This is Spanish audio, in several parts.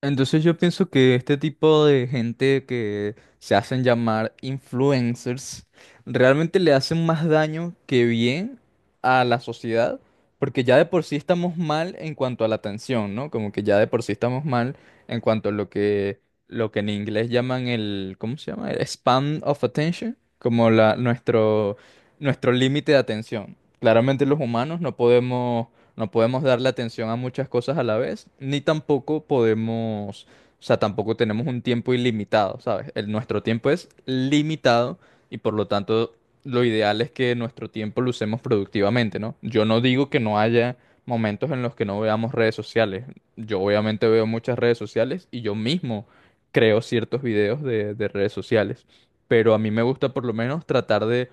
Entonces yo pienso que este tipo de gente que se hacen llamar influencers realmente le hacen más daño que bien a la sociedad, porque ya de por sí estamos mal en cuanto a la atención, ¿no? Como que ya de por sí estamos mal en cuanto a lo que en inglés llaman el, ¿cómo se llama? El span of attention, como la nuestro nuestro límite de atención. Claramente los humanos no podemos darle atención a muchas cosas a la vez, ni tampoco podemos, o sea, tampoco tenemos un tiempo ilimitado, ¿sabes? Nuestro tiempo es limitado y por lo tanto lo ideal es que nuestro tiempo lo usemos productivamente, ¿no? Yo no digo que no haya momentos en los que no veamos redes sociales. Yo obviamente veo muchas redes sociales y yo mismo creo ciertos videos de redes sociales, pero a mí me gusta por lo menos tratar de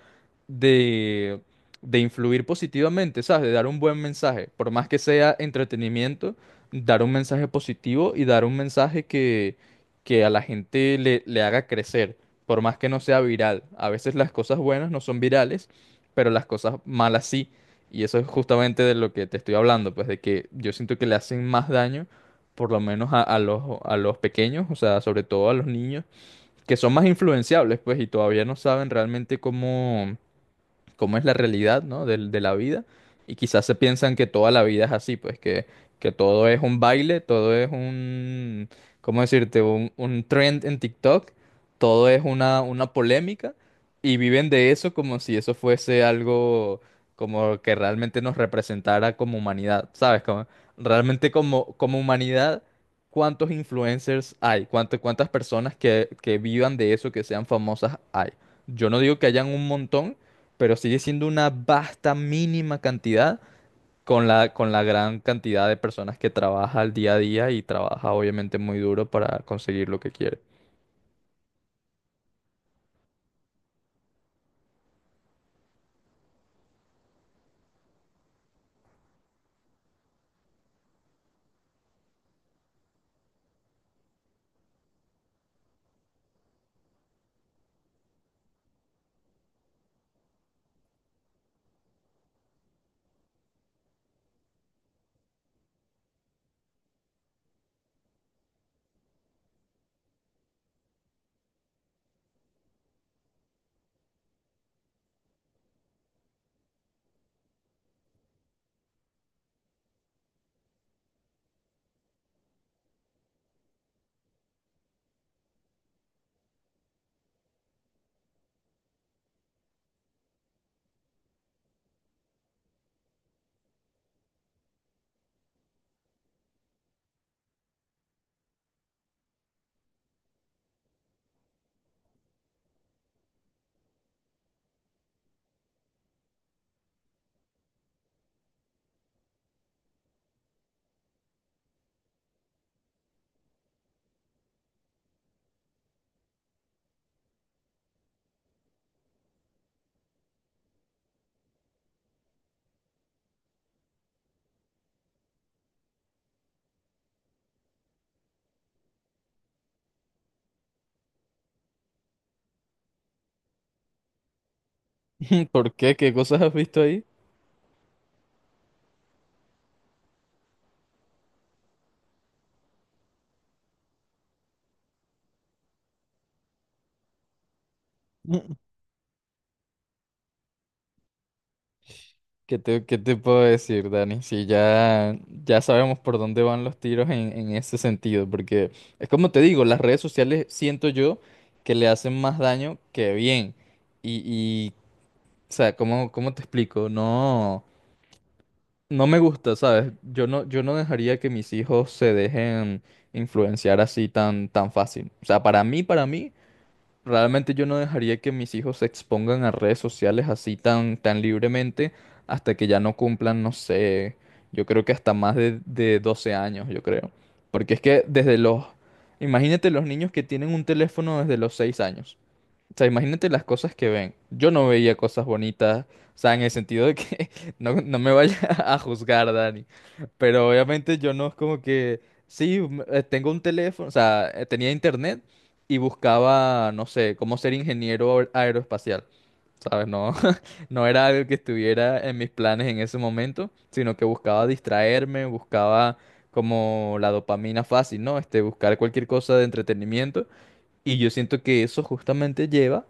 de de influir positivamente, ¿sabes? De dar un buen mensaje, por más que sea entretenimiento, dar un mensaje positivo y dar un mensaje que a la gente le haga crecer, por más que no sea viral. A veces las cosas buenas no son virales, pero las cosas malas sí. Y eso es justamente de lo que te estoy hablando, pues de que yo siento que le hacen más daño, por lo menos a a los pequeños, o sea, sobre todo a los niños, que son más influenciables, pues, y todavía no saben realmente cómo es la realidad, ¿no? De, la vida. Y quizás se piensan que toda la vida es así, pues que todo es un baile, ¿cómo decirte? Un trend en TikTok, todo es una polémica y viven de eso como si eso fuese algo como que realmente nos representara como humanidad, ¿sabes? Como, realmente como, como humanidad, ¿cuántos influencers hay? ¿Cuántas personas que vivan de eso, que sean famosas hay? Yo no digo que hayan un montón, pero sigue siendo una vasta mínima cantidad con con la gran cantidad de personas que trabaja al día a día y trabaja obviamente muy duro para conseguir lo que quiere. ¿Por qué? ¿Qué cosas has visto ahí? Mm. ¿Qué te puedo decir, Dani? Si ya, Ya sabemos por dónde van los tiros en ese sentido, porque es como te digo, las redes sociales siento yo que le hacen más daño que bien. Y o sea, ¿cómo te explico? No. No me gusta, ¿sabes? Yo no dejaría que mis hijos se dejen influenciar así tan fácil. O sea, para mí, realmente yo no dejaría que mis hijos se expongan a redes sociales así tan libremente hasta que ya no cumplan, no sé, yo creo que hasta más de 12 años, yo creo. Porque es que desde los... Imagínate los niños que tienen un teléfono desde los 6 años. O sea, imagínate las cosas que ven. Yo no veía cosas bonitas, o sea, en el sentido de que no me vaya a juzgar, Dani. Pero obviamente yo no es como que, sí, tengo un teléfono, o sea, tenía internet y buscaba, no sé, cómo ser ingeniero aeroespacial. ¿Sabes? No, no era algo que estuviera en mis planes en ese momento, sino que buscaba distraerme, buscaba como la dopamina fácil, ¿no? Este, buscar cualquier cosa de entretenimiento. Y yo siento que eso justamente lleva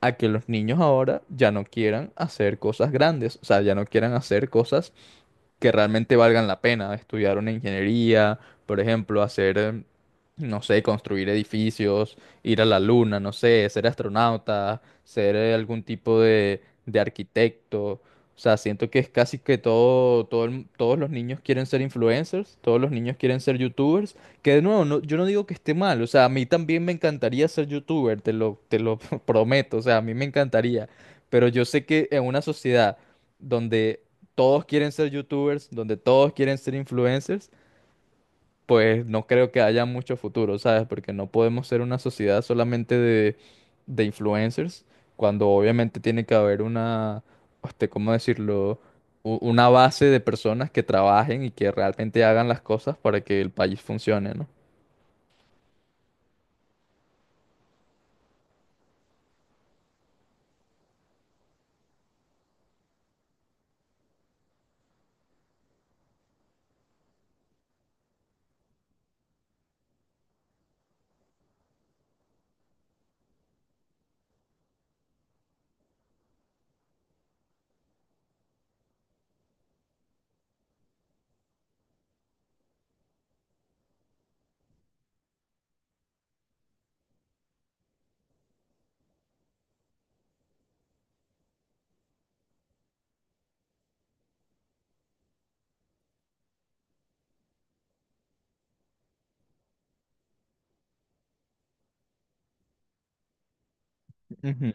a que los niños ahora ya no quieran hacer cosas grandes, o sea, ya no quieran hacer cosas que realmente valgan la pena. Estudiar una ingeniería, por ejemplo, hacer, no sé, construir edificios, ir a la luna, no sé, ser astronauta, ser algún tipo de arquitecto. O sea, siento que es casi que todo, todos los niños quieren ser influencers, todos los niños quieren ser youtubers, que de nuevo, yo no digo que esté mal, o sea, a mí también me encantaría ser youtuber, te lo prometo, o sea, a mí me encantaría, pero yo sé que en una sociedad donde todos quieren ser youtubers, donde todos quieren ser influencers, pues no creo que haya mucho futuro, ¿sabes? Porque no podemos ser una sociedad solamente de influencers, cuando obviamente tiene que haber una, este, ¿cómo decirlo? Una base de personas que trabajen y que realmente hagan las cosas para que el país funcione, ¿no? Ujú.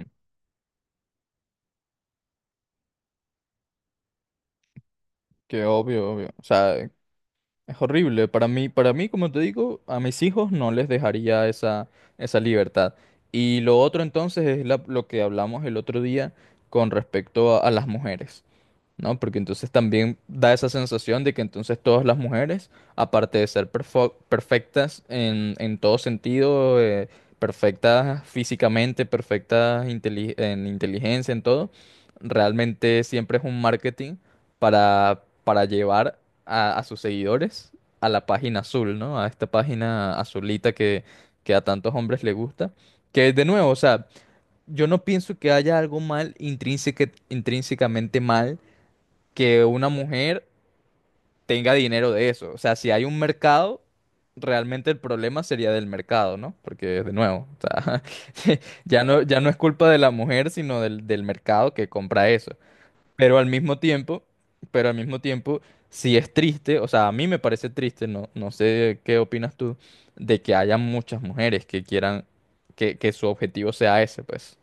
Que obvio, obvio. O sea, es horrible. Para mí, como te digo, a mis hijos no les dejaría esa libertad. Y lo otro entonces es lo que hablamos el otro día con respecto a las mujeres. ¿No? Porque entonces también da esa sensación de que entonces todas las mujeres, aparte de ser perfectas en todo sentido, perfectas físicamente, perfectas en inteligencia, en todo, realmente siempre es un marketing para llevar a sus seguidores a la página azul, ¿no? A esta página azulita que a tantos hombres le gusta. Que de nuevo, o sea, yo no pienso que haya algo intrínsecamente mal que una mujer tenga dinero de eso. O sea, si hay un mercado, realmente el problema sería del mercado, ¿no? Porque, de nuevo, o sea, ya no, ya no es culpa de la mujer, sino del mercado que compra eso. Pero al mismo tiempo, pero al mismo tiempo, sí es triste, o sea, a mí me parece triste, no, no sé qué opinas tú, de que haya muchas mujeres que quieran que su objetivo sea ese, pues.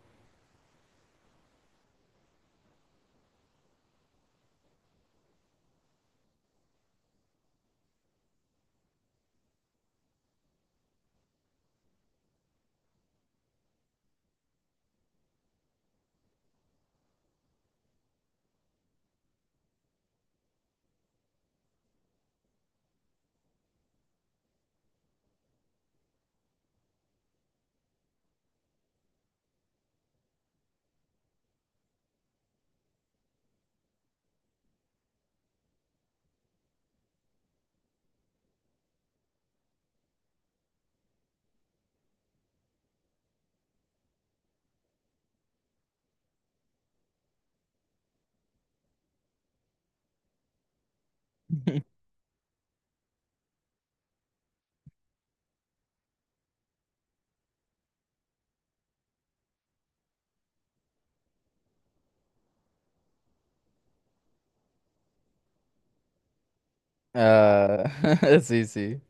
Ah, sí, sí.